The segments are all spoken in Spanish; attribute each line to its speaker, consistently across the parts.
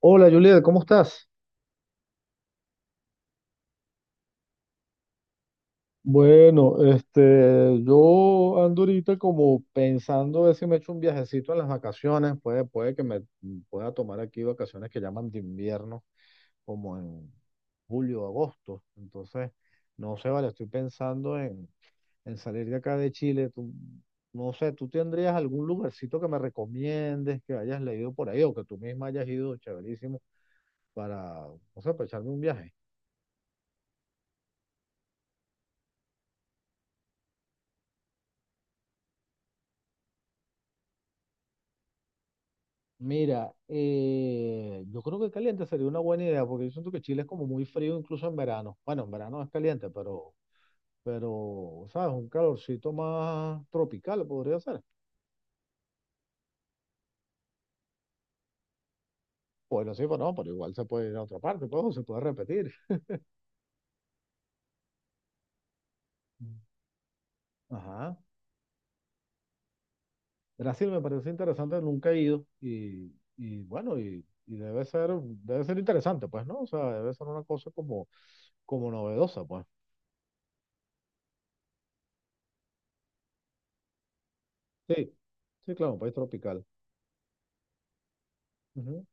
Speaker 1: Hola Juliet, ¿cómo estás? Bueno, este, yo ando ahorita como pensando a ver si me echo un viajecito en las vacaciones, puede que me pueda tomar aquí vacaciones que llaman de invierno, como en julio, agosto. Entonces, no sé, vale, estoy pensando en salir de acá de Chile. No sé, ¿tú tendrías algún lugarcito que me recomiendes, que hayas leído por ahí o que tú misma hayas ido, chéverísimo, para, no sé, para echarme un viaje? Mira, yo creo que caliente sería una buena idea, porque yo siento que Chile es como muy frío incluso en verano. Bueno, en verano es caliente, pero, ¿sabes? Un calorcito más tropical podría ser. Bueno, sí, pero no, pero igual se puede ir a otra parte, pues, o se puede repetir. Ajá. Brasil me parece interesante, nunca he ido y bueno, y debe ser interesante, pues, ¿no? O sea, debe ser una cosa como novedosa, pues. Sí, sí, claro, un país tropical. Ujú.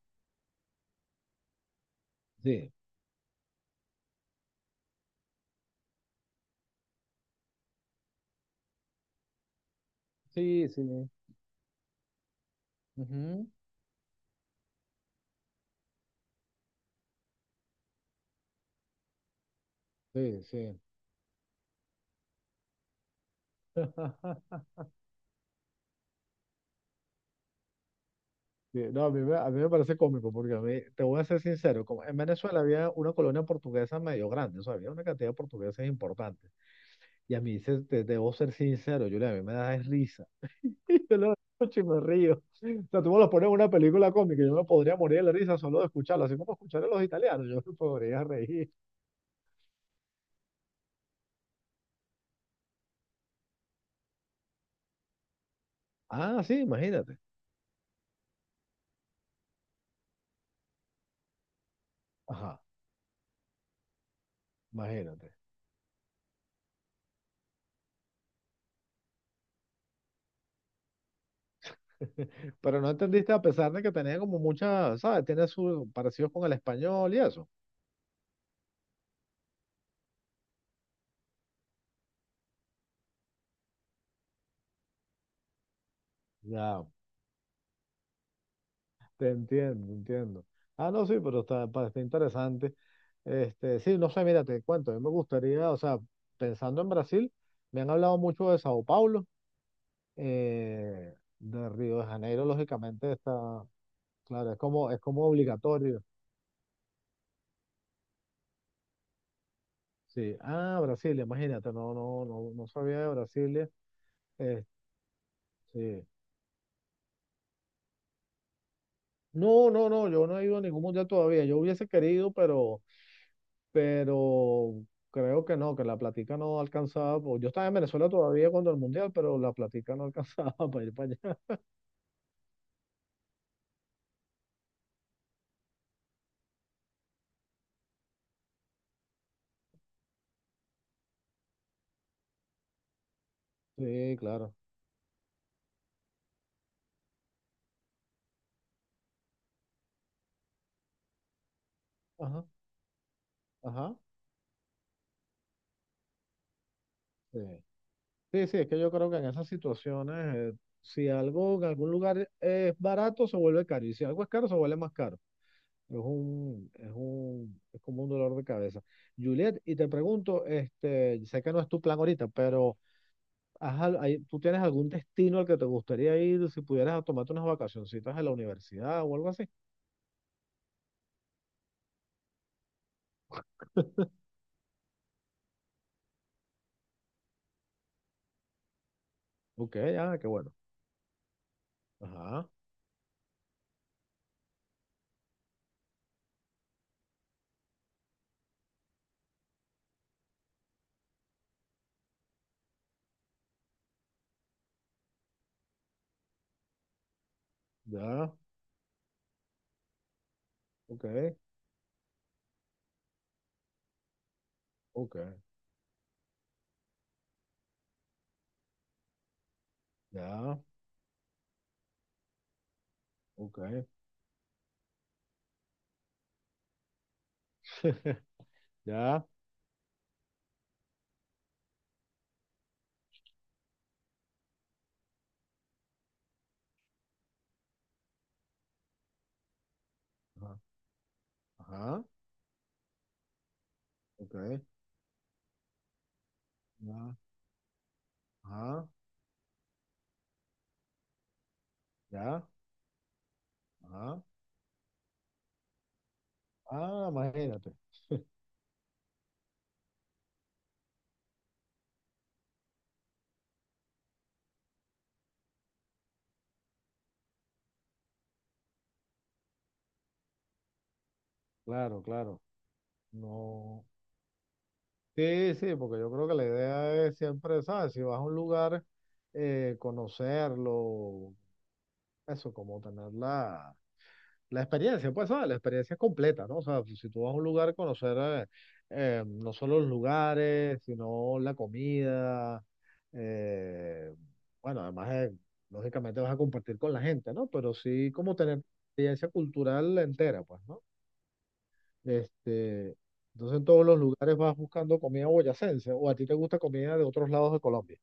Speaker 1: Sí, sí, sí. Ujú. Sí, sí. Sí, no, a mí me parece cómico porque a mí, te voy a ser sincero, como en Venezuela había una colonia portuguesa medio grande, o sea, había una cantidad de portugueses importante. Y a mí, debo ser sincero, Julia, a mí me da es risa. Y yo lo escucho y me río. O sea, tú me lo pones en una película cómica, y yo me podría morir de la risa solo de escucharlo, así como escuchar a los italianos, yo me podría reír. Ah, sí, imagínate. Ajá, imagínate. Pero no entendiste a pesar de que tenía como mucha, ¿sabes? Tiene sus parecidos con el español y eso. Ya, te entiendo, entiendo. Ah, no, sí, pero está, está interesante. Este, sí, no sé, mira, te cuento, a mí me gustaría, o sea, pensando en Brasil, me han hablado mucho de Sao Paulo, de Río de Janeiro, lógicamente está, claro, es como obligatorio. Sí, ah, Brasilia, imagínate, no, no, no, no sabía de Brasilia. Eh, sí. No, no, no, yo no he ido a ningún mundial todavía, yo hubiese querido, pero creo que no, que la platica no alcanzaba, pues, yo estaba en Venezuela todavía cuando el mundial, pero la platica no alcanzaba para ir para allá. Sí, claro. Ajá, ajá. Sí. Sí, sí, es que yo creo que en esas situaciones, si algo en algún lugar es barato, se vuelve caro, y si algo es caro, se vuelve más caro. Es como un dolor de cabeza. Juliet, y te pregunto, este, sé que no es tu plan ahorita, pero ¿tú tienes algún destino al que te gustaría ir si pudieras tomarte unas vacacioncitas en la universidad o algo así? Ok, ya, qué bueno. Ajá, ya, ok, ok, ya, ok, ya, ajá, ajá, ok, ya, ajá, ya, ajá. Ah, imagínate, claro, claro, no. Sí, sí, porque yo creo que la idea es siempre, ¿sabes? Si vas a un lugar, conocerlo, eso, como tenerla la experiencia, pues, ¿sabes? La experiencia es completa, ¿no? O sea, pues, si tú vas a un lugar, conocer no solo los lugares, sino la comida. eh, bueno, además, lógicamente vas a compartir con la gente, ¿no? Pero sí como tener experiencia cultural entera, pues, ¿no? Este, entonces en todos los lugares vas buscando comida boyacense, o a ti te gusta comida de otros lados de Colombia.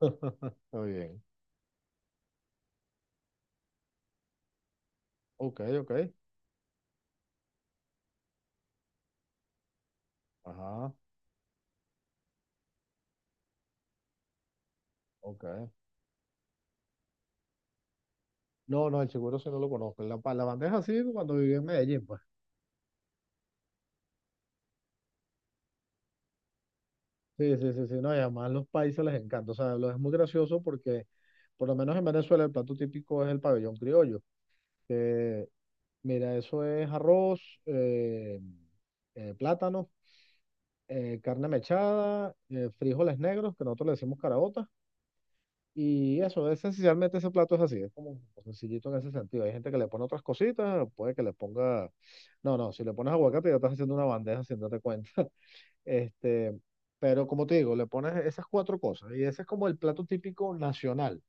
Speaker 1: Está bien. Ok, ok. Ajá, ok. No, no, el seguro sí no lo conozco. La banda es así cuando viví en Medellín, pues. Sí, sí, sí, sí. No, y además los países les encanta. O sea, lo es muy gracioso porque, por lo menos en Venezuela, el plato típico es el pabellón criollo. Que, mira, eso es arroz, plátano, carne mechada, frijoles negros, que nosotros le decimos caraotas. Y eso, es, esencialmente ese plato es así. Es como sencillito en ese sentido. Hay gente que le pone otras cositas, puede que le ponga. No, no, si le pones aguacate ya estás haciendo una bandeja sin darte cuenta. Este, pero como te digo, le pones esas cuatro cosas y ese es como el plato típico nacional,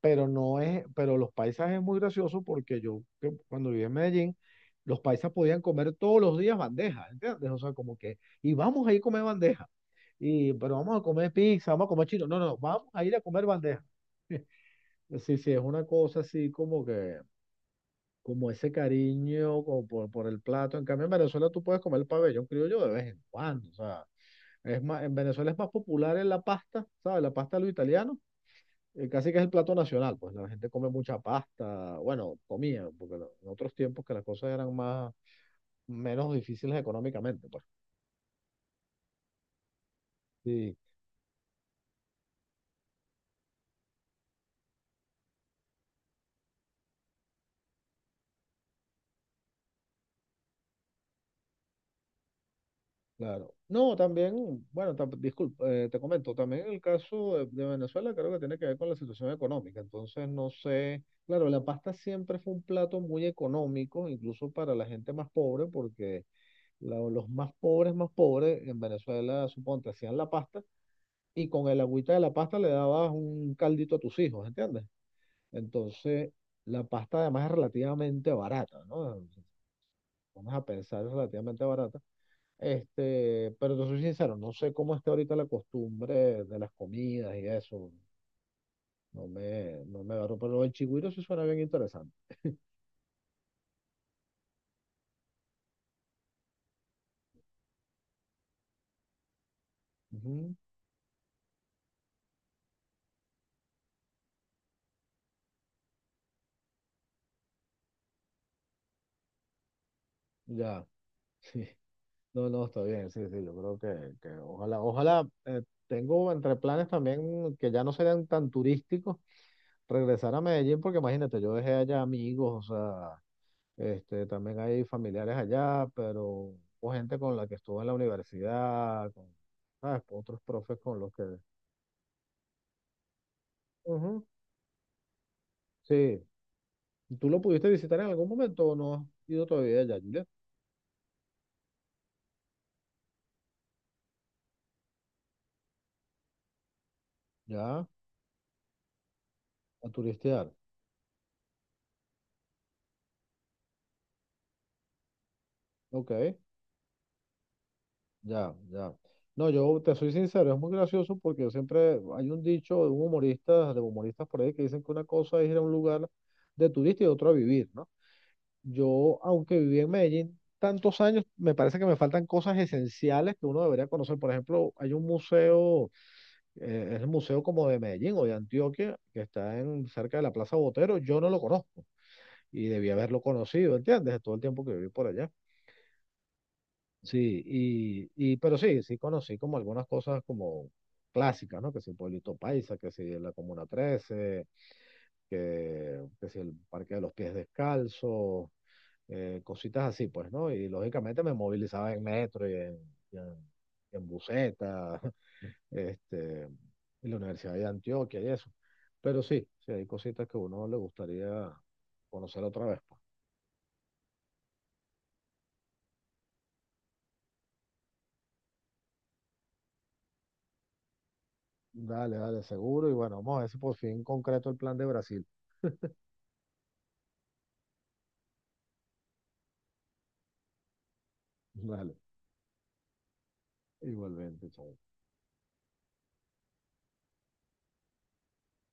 Speaker 1: pero no es, pero los paisas es muy gracioso porque yo que cuando viví en Medellín, los paisas podían comer todos los días bandeja, ¿entiendes? O sea, como que, y vamos a ir a comer bandeja, y, pero vamos a comer pizza, vamos a comer chino, no, no, no, vamos a ir a comer bandeja. Sí, sí, es una cosa así como que, como ese cariño como por el plato. En cambio, en Venezuela tú puedes comer el pabellón criollo de vez en cuando, o sea. Es más, en Venezuela es más popular en la pasta, ¿sabes? La pasta de los italianos, casi que es el plato nacional, pues la gente come mucha pasta, bueno, comía, porque en otros tiempos que las cosas eran menos difíciles económicamente, pues. Sí, claro. No, también, bueno, disculpa, te comento, también el caso de Venezuela creo que tiene que ver con la situación económica, entonces no sé, claro, la pasta siempre fue un plato muy económico, incluso para la gente más pobre, porque los más pobres en Venezuela, suponte, hacían la pasta y con el agüita de la pasta le dabas un caldito a tus hijos, ¿entiendes? Entonces, la pasta además es relativamente barata, ¿no? Vamos a pensar, es relativamente barata. Este, pero te soy sincero, no sé cómo está ahorita la costumbre de las comidas y eso. No me agarro, pero el chigüiro sí suena bien interesante. Ujú. Ya, sí. No, no, está bien, sí, sí, yo creo que, que ojalá, tengo entre planes también que ya no sean tan turísticos regresar a Medellín porque imagínate, yo dejé allá amigos, o sea, este, también hay familiares allá, pero hubo gente con la que estuve en la universidad, con, ¿sabes? Otros profes con los que... Ujú. Sí, ¿tú lo pudiste visitar en algún momento o no has ido todavía allá, Julia? Ya, a turistear. Ok, ya, ya. No, yo te soy sincero, es muy gracioso porque yo siempre hay un dicho de un humorista, de humoristas por ahí que dicen que una cosa es ir a un lugar de turista y otra a vivir, ¿no? Yo, aunque viví en Medellín tantos años, me parece que me faltan cosas esenciales que uno debería conocer. Por ejemplo, hay un museo, es el museo como de Medellín o de Antioquia, que está en, cerca de la Plaza Botero. Yo no lo conozco y debí haberlo conocido, ¿entiendes? De todo el tiempo que viví por allá. Sí, y pero sí, sí conocí como algunas cosas como clásicas, ¿no? Que si Pueblito Paisa, que si la Comuna 13, que si el Parque de los Pies Descalzos cositas así, pues, ¿no? Y lógicamente me movilizaba en metro y en buseta, este, en la Universidad de Antioquia y eso. Pero sí, sí hay cositas que a uno le gustaría conocer otra vez, pues. Dale, dale, seguro. Y bueno, vamos a ver si por fin concreto el plan de Brasil. Dale, igualmente, chao.